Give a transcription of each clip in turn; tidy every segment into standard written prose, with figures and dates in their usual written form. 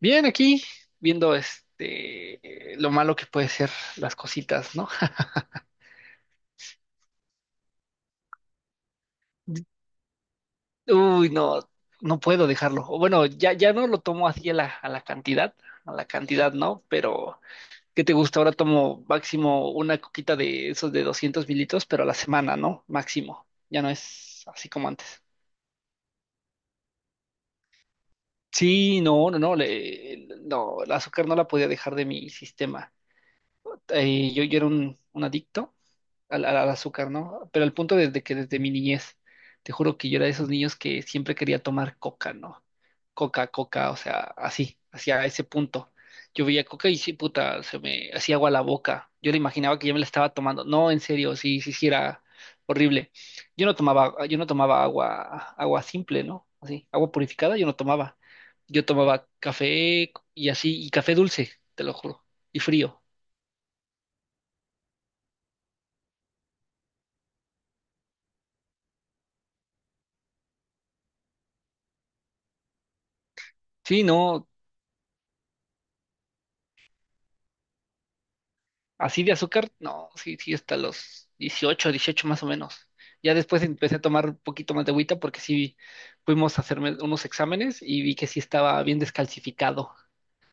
Bien, aquí viendo este lo malo que puede ser las cositas, ¿no? Uy, no, no puedo dejarlo. O bueno, ya, ya no lo tomo así a la cantidad, ¿no? Pero, ¿qué te gusta? Ahora tomo máximo una coquita de esos de 200 ml, pero a la semana, ¿no? Máximo. Ya no es así como antes. Sí, no, no, no, no, el azúcar no la podía dejar de mi sistema. Yo era un adicto al azúcar, ¿no? Pero el punto desde mi niñez, te juro que yo era de esos niños que siempre quería tomar coca, ¿no? Coca, coca, o sea, así, hacia ese punto. Yo veía coca y sí, puta, se me hacía agua la boca. Yo le imaginaba que ya me la estaba tomando. No, en serio, sí, sí, sí era horrible. Yo no tomaba agua simple, ¿no? Así, agua purificada yo no tomaba. Yo tomaba café y así, y café dulce, te lo juro, y frío. Sí, no, así de azúcar, no, sí, sí, hasta los dieciocho más o menos. Ya después empecé a tomar un poquito más de agüita porque sí fuimos a hacerme unos exámenes y vi que sí estaba bien descalcificado,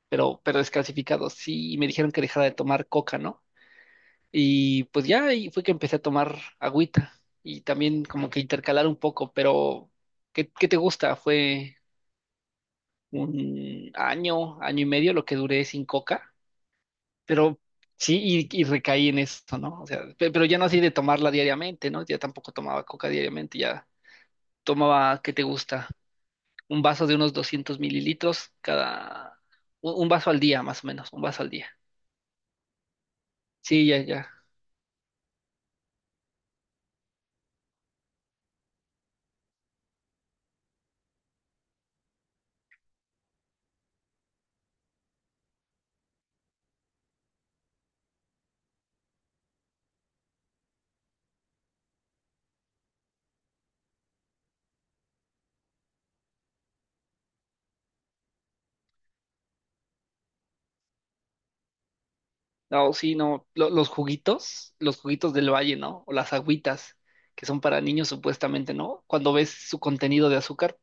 pero descalcificado, sí, y me dijeron que dejara de tomar coca, ¿no? Y pues ya ahí fue que empecé a tomar agüita y también como que intercalar un poco, pero ¿qué te gusta? Fue un año, año y medio lo que duré sin coca. Pero sí, y recaí en eso, ¿no? O sea, pero ya no así de tomarla diariamente, ¿no? Ya tampoco tomaba coca diariamente, ya tomaba, ¿qué te gusta? Un vaso de unos 200 ml cada, un vaso al día, más o menos, un vaso al día. Sí, ya, ya. No, sí, no, los juguitos del valle, ¿no? O las agüitas, que son para niños supuestamente, ¿no? Cuando ves su contenido de azúcar,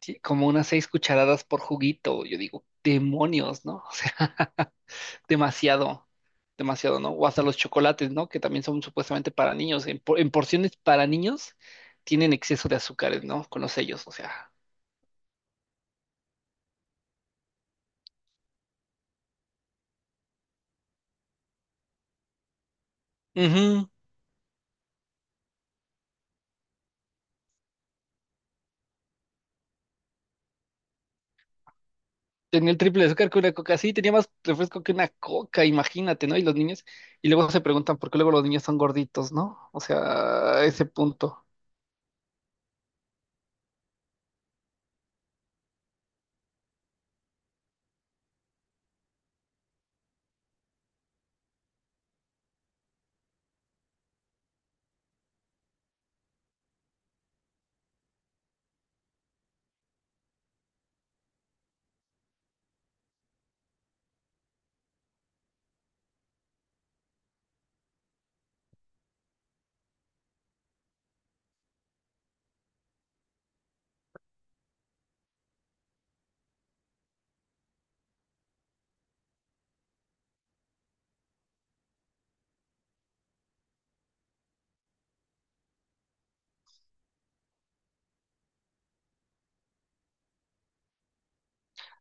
sí, como unas 6 cucharadas por juguito, yo digo, demonios, ¿no? O sea, demasiado, demasiado, ¿no? O hasta los chocolates, ¿no? Que también son supuestamente para niños. En porciones para niños tienen exceso de azúcares, ¿no? Con los sellos, o sea. Ujú. Tenía el triple de azúcar que una coca. Sí, tenía más refresco que una coca, imagínate, ¿no? Y los niños, y luego se preguntan por qué luego los niños son gorditos, ¿no? O sea, a ese punto.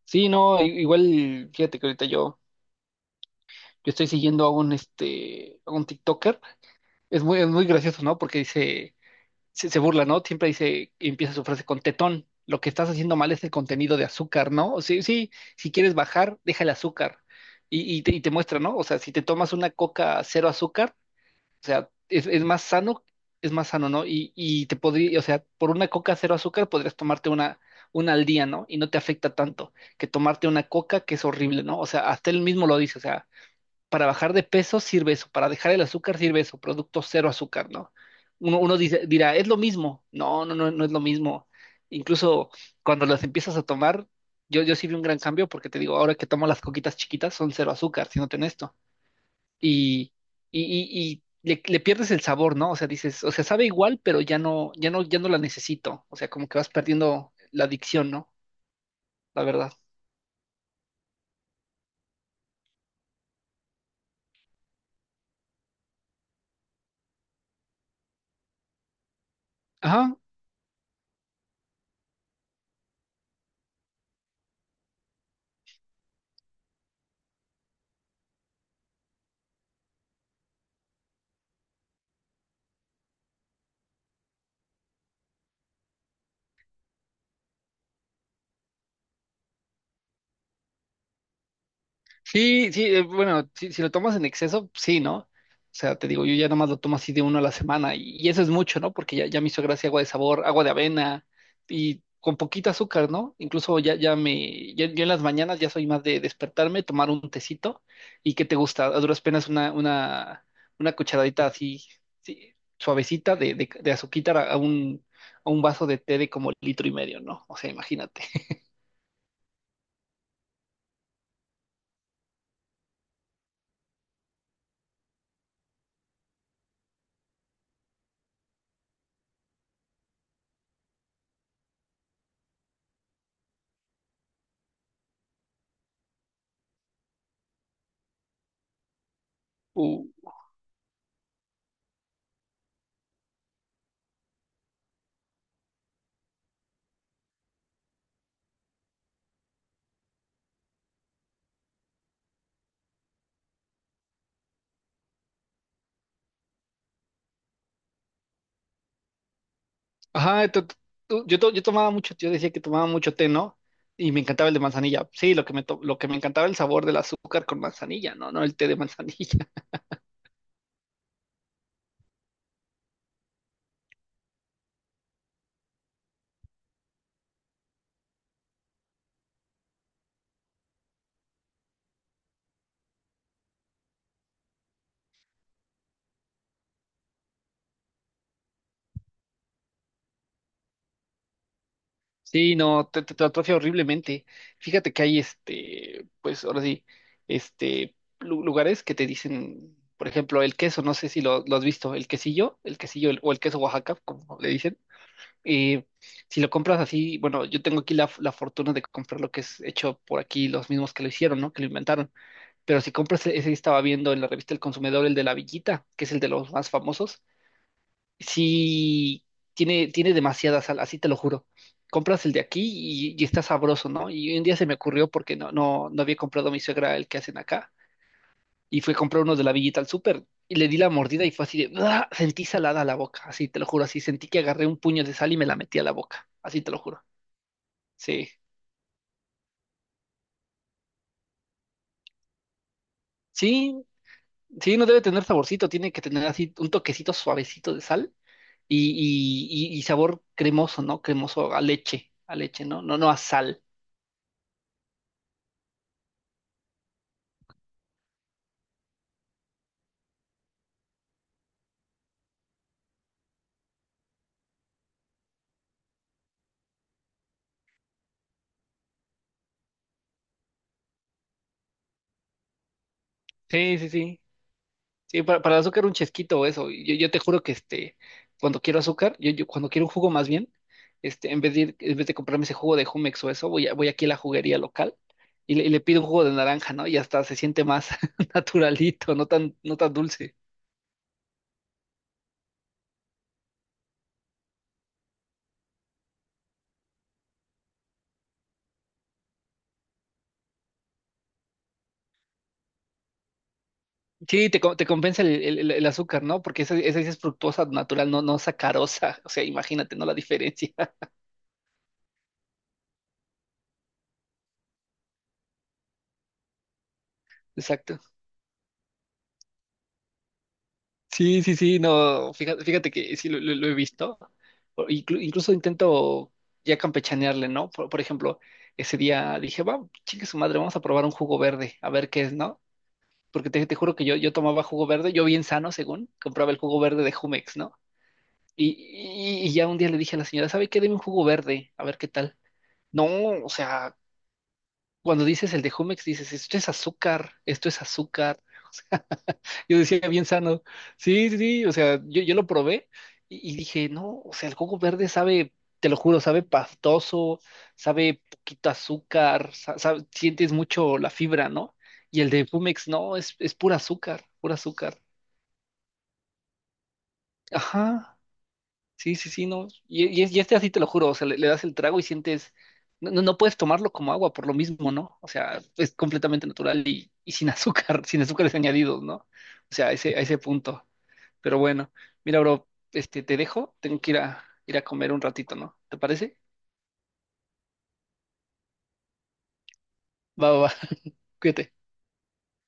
Sí, no, igual, fíjate que ahorita yo estoy siguiendo a un TikToker. Es muy gracioso, ¿no? Porque dice se burla, ¿no? Siempre dice, empieza su frase con tetón. Lo que estás haciendo mal es el contenido de azúcar, ¿no? O sea, sí, si quieres bajar, deja el azúcar. Y te muestra, ¿no? O sea, si te tomas una coca cero azúcar, o sea, es más sano, es más sano, ¿no? Y te podría, o sea, por una coca cero azúcar podrías tomarte una al día, ¿no? Y no te afecta tanto que tomarte una coca que es horrible, ¿no? O sea, hasta él mismo lo dice, o sea, para bajar de peso sirve eso, para dejar el azúcar sirve eso, producto cero azúcar, ¿no? Uno dirá, es lo mismo. No, no, no, no es lo mismo. Incluso cuando las empiezas a tomar, yo sí vi un gran cambio porque te digo, ahora que tomo las coquitas chiquitas son cero azúcar, si no honesto. Y, y le pierdes el sabor, ¿no? O sea, dices, o sea, sabe igual, pero ya no, ya no, ya no la necesito. O sea, como que vas perdiendo la adicción, ¿no? La verdad. Ajá, sí, sí, bueno, si lo tomas en exceso, sí, ¿no? O sea, te digo, yo ya nomás lo tomo así de uno a la semana y eso es mucho, ¿no? Porque ya, ya me hizo gracia agua de sabor, agua de avena y con poquito azúcar, ¿no? Incluso ya, ya, yo en las mañanas ya soy más de despertarme, tomar un tecito y ¿qué te gusta? A duras penas una cucharadita así, sí, suavecita de azuquita a un vaso de té de como litro y medio, ¿no? O sea, imagínate. Ajá, yo tomaba mucho, yo decía que tomaba mucho té, ¿no? Y me encantaba el de manzanilla. Sí, lo que me encantaba el sabor del azúcar con manzanilla, ¿no? No el té de manzanilla. Sí, no, te atrofia horriblemente. Fíjate que hay pues ahora sí, este, lugares que te dicen, por ejemplo, el queso, no sé si lo has visto, el quesillo, el quesillo o el queso Oaxaca, como le dicen. Eh, si lo compras así, bueno, yo tengo aquí la fortuna de comprar lo que es hecho por aquí, los mismos que lo hicieron, ¿no? Que lo inventaron. Pero si compras ese, estaba viendo en la revista El Consumidor, el de la Villita, que es el de los más famosos, sí tiene demasiada sal, así te lo juro. Compras el de aquí y está sabroso, ¿no? Y un día se me ocurrió porque no, no, no había comprado mi suegra el que hacen acá. Y fui a comprar uno de la Villita al súper y le di la mordida y fue así de, ¡ah! Sentí salada la boca, así te lo juro, así sentí que agarré un puño de sal y me la metí a la boca, así te lo juro. Sí, sí, sí, no debe tener saborcito, tiene que tener así un toquecito suavecito de sal y sabor cremoso, ¿no? Cremoso a leche, ¿no? No, no a sal. Sí, sí, sí. Sí, para el azúcar un chesquito o eso. Yo te juro que cuando quiero azúcar, yo cuando quiero un jugo más bien, en vez de comprarme ese jugo de Jumex o eso, voy aquí a la juguería local y le pido un jugo de naranja, ¿no? Y hasta se siente más naturalito, no tan, no tan dulce. Sí, te compensa el azúcar, ¿no? Porque esa sí es fructosa natural, no, no sacarosa. O sea, imagínate, ¿no? La diferencia. Exacto. Sí, sí, sí, no, fíjate que sí lo he visto. O incluso intento ya campechanearle, ¿no? Por ejemplo, ese día dije, va, chingue su madre, vamos a probar un jugo verde, a ver qué es, ¿no? Porque te juro que yo tomaba jugo verde, yo bien sano, según, compraba el jugo verde de Jumex, ¿no? Y, y ya un día le dije a la señora, ¿sabe qué? Deme un jugo verde, a ver qué tal. No, o sea, cuando dices el de Jumex, dices, esto es azúcar, esto es azúcar. Yo decía bien sano. Sí, sí, sí, o sea, yo lo probé y dije, no, o sea, el coco verde sabe, te lo juro, sabe pastoso, sabe poquito azúcar, sientes mucho la fibra, ¿no? Y el de Pumex, no, es pura azúcar, pura azúcar. Ajá, sí, sí, sí, no. Y así te lo juro, o sea, le das el trago y sientes, no, no puedes tomarlo como agua por lo mismo, ¿no? O sea, es completamente natural y sin azúcar, sin azúcares añadidos, ¿no? O sea, a ese punto. Pero bueno, mira, bro, te dejo, tengo que ir a comer un ratito, ¿no? ¿Te parece? Va, va, va, cuídate.